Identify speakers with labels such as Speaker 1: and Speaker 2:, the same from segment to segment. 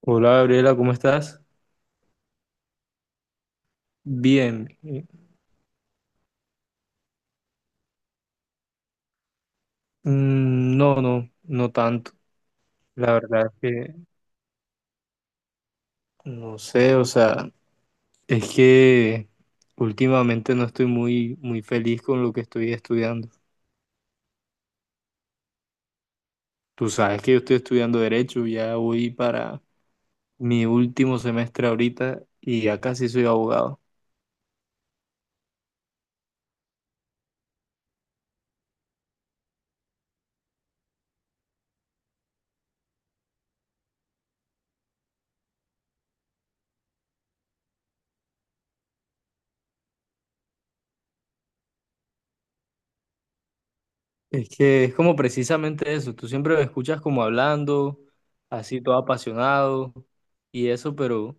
Speaker 1: Hola Gabriela, ¿cómo estás? Bien. No, no, no tanto. La verdad es que no sé, o sea, es que últimamente no estoy muy, muy feliz con lo que estoy estudiando. Tú sabes que yo estoy estudiando Derecho, ya voy para mi último semestre ahorita y ya casi soy abogado. Es que es como precisamente eso, tú siempre me escuchas como hablando, así todo apasionado y eso, pero...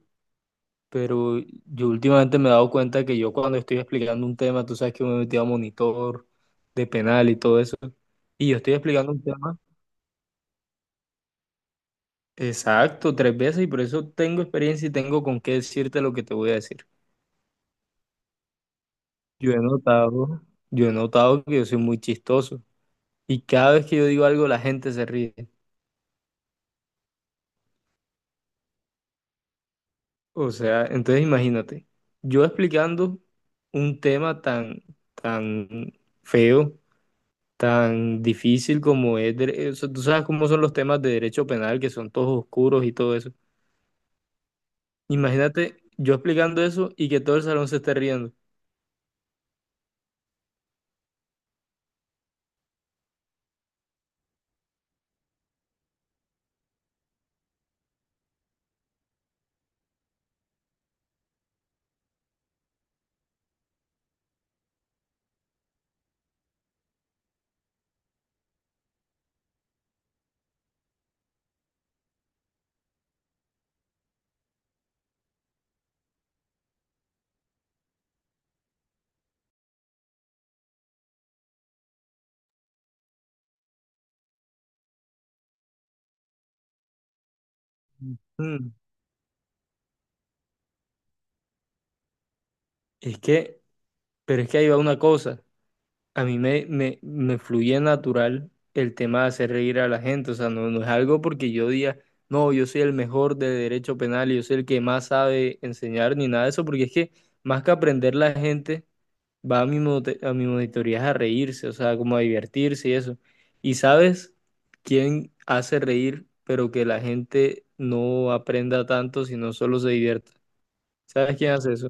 Speaker 1: pero yo últimamente me he dado cuenta que yo cuando estoy explicando un tema, tú sabes que yo me he a monitor de penal y todo eso, y yo estoy explicando un tema exacto tres veces y por eso tengo experiencia y tengo con qué decirte lo que te voy a decir. Yo he notado, yo he notado que yo soy muy chistoso y cada vez que yo digo algo la gente se ríe. O sea, entonces imagínate, yo explicando un tema tan feo tan difícil como es, o sea, tú sabes cómo son los temas de derecho penal, que son todos oscuros y todo eso. Imagínate yo explicando eso y que todo el salón se esté riendo. Mm, Es que, pero es que ahí va una cosa. A mí me fluye natural el tema de hacer reír a la gente. O sea, no, no es algo porque yo diga, no, yo soy el mejor de derecho penal y yo soy el que más sabe enseñar ni nada de eso, porque es que más que aprender la gente va a a mi monitoría a reírse, o sea, como a divertirse y eso. ¿Y sabes quién hace reír, pero que la gente no aprenda tanto, sino solo se divierta? ¿Sabes quién hace eso?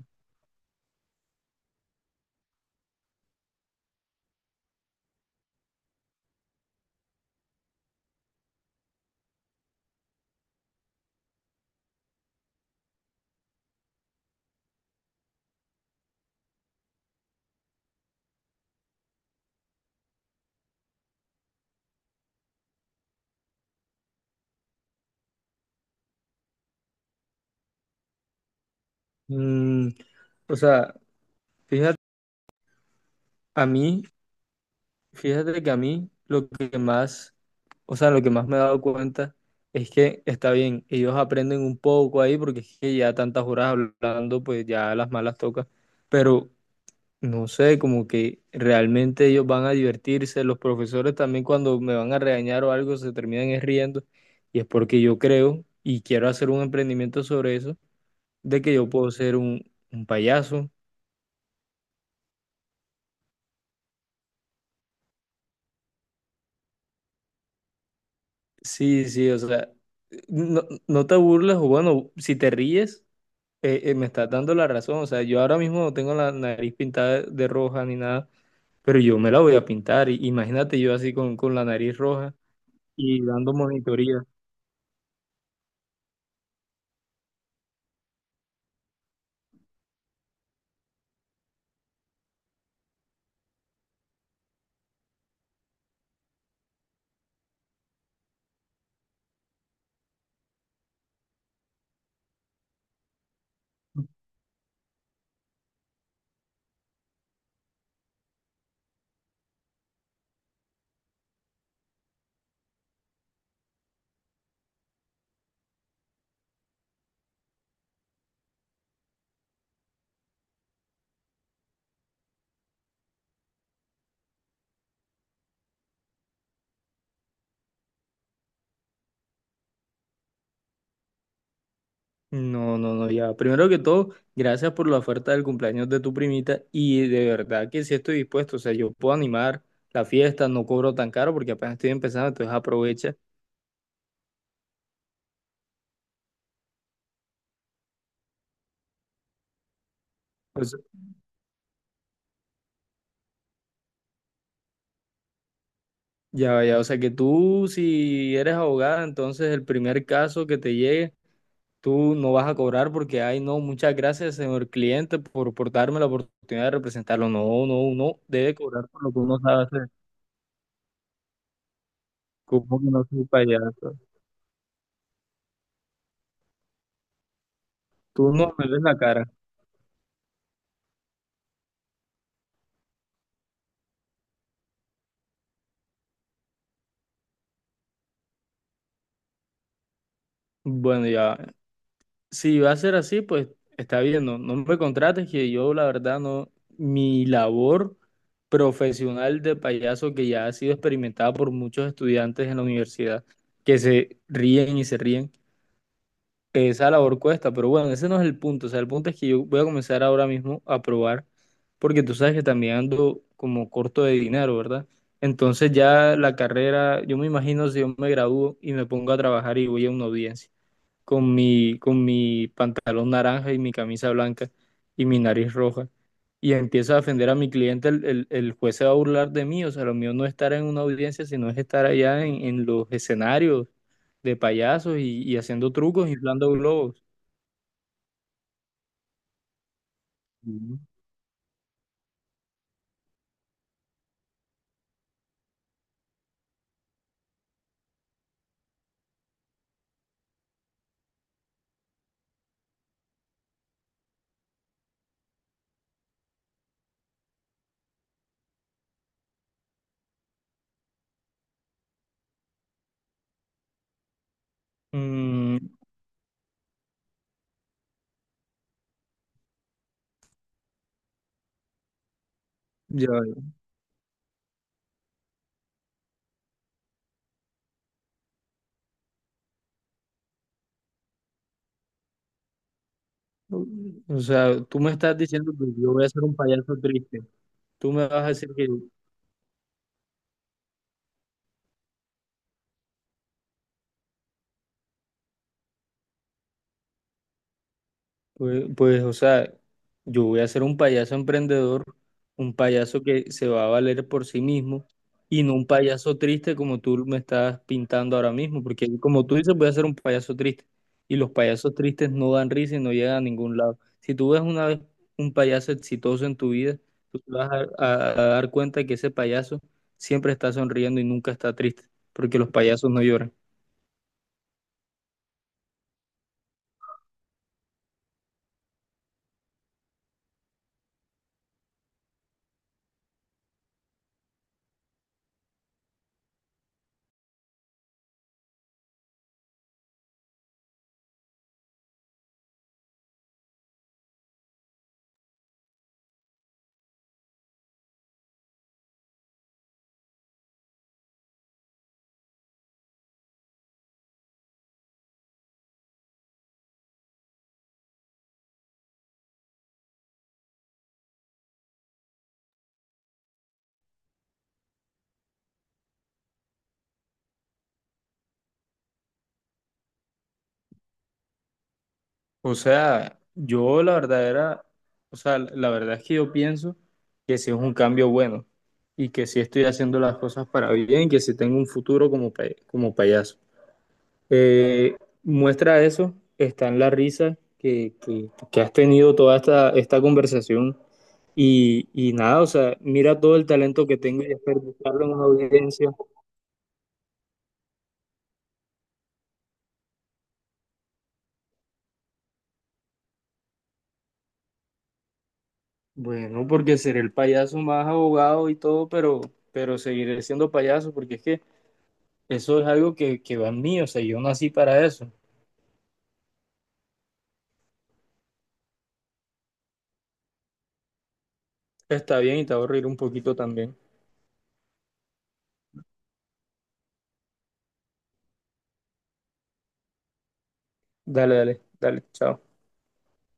Speaker 1: Mm, o sea, fíjate, a mí, fíjate que a mí lo que más, o sea, lo que más me he dado cuenta es que está bien, ellos aprenden un poco ahí porque es que ya tantas horas hablando, pues ya las malas toca, pero no sé, como que realmente ellos van a divertirse, los profesores también cuando me van a regañar o algo se terminan es riendo y es porque yo creo y quiero hacer un emprendimiento sobre eso, de que yo puedo ser un payaso. Sí, sí, o sea, no, no te burles o bueno, si te ríes, me estás dando la razón, o sea, yo ahora mismo no tengo la nariz pintada de roja ni nada, pero yo me la voy a pintar, imagínate yo así con la nariz roja y dando monitoría. No, no, no, ya. Primero que todo, gracias por la oferta del cumpleaños de tu primita y de verdad que sí estoy dispuesto, o sea, yo puedo animar la fiesta, no cobro tan caro porque apenas estoy empezando, entonces aprovecha. Pues, ya, ya, o sea, que tú si eres abogada, entonces el primer caso que te llegue, tú no vas a cobrar porque, ay, no, muchas gracias, señor cliente, por darme la oportunidad de representarlo. No, no, uno debe cobrar por lo que uno sabe hacer. ¿Cómo que no soy payaso? Tú no me ves la cara. Bueno, ya, si va a ser así, pues está bien, no, no me contrates, que yo la verdad no, mi labor profesional de payaso que ya ha sido experimentada por muchos estudiantes en la universidad, que se ríen y se ríen, esa labor cuesta, pero bueno, ese no es el punto, o sea, el punto es que yo voy a comenzar ahora mismo a probar, porque tú sabes que también ando como corto de dinero, ¿verdad? Entonces ya la carrera, yo me imagino si yo me gradúo y me pongo a trabajar y voy a una audiencia con mi pantalón naranja y mi camisa blanca y mi nariz roja. Y empiezo a defender a mi cliente, el juez se va a burlar de mí. O sea, lo mío no es estar en una audiencia, sino es estar allá en los escenarios de payasos y haciendo trucos, inflando globos. Ujú. Mm, ya, veo. O sea, tú me estás diciendo que yo voy a ser un payaso triste. Tú me vas a decir que, o sea, yo voy a ser un payaso emprendedor, un payaso que se va a valer por sí mismo y no un payaso triste como tú me estás pintando ahora mismo, porque como tú dices, voy a ser un payaso triste y los payasos tristes no dan risa y no llegan a ningún lado. Si tú ves una vez un payaso exitoso en tu vida, tú te vas a, a dar cuenta que ese payaso siempre está sonriendo y nunca está triste, porque los payasos no lloran. O sea, yo la verdad era, o sea, la verdad es que yo pienso que sí es un cambio bueno y que sí estoy haciendo las cosas para bien, que sí tengo un futuro como, como payaso. Eh, muestra eso, está en la risa que has tenido toda esta conversación y nada, o sea, mira todo el talento que tengo y desperdiciarlo en una audiencia. Bueno, porque seré el payaso más abogado y todo, pero seguiré siendo payaso porque es que... Eso es algo que va en mí, o sea, yo nací para eso. Está bien y te va a reír un poquito también. Dale, dale, dale, chao.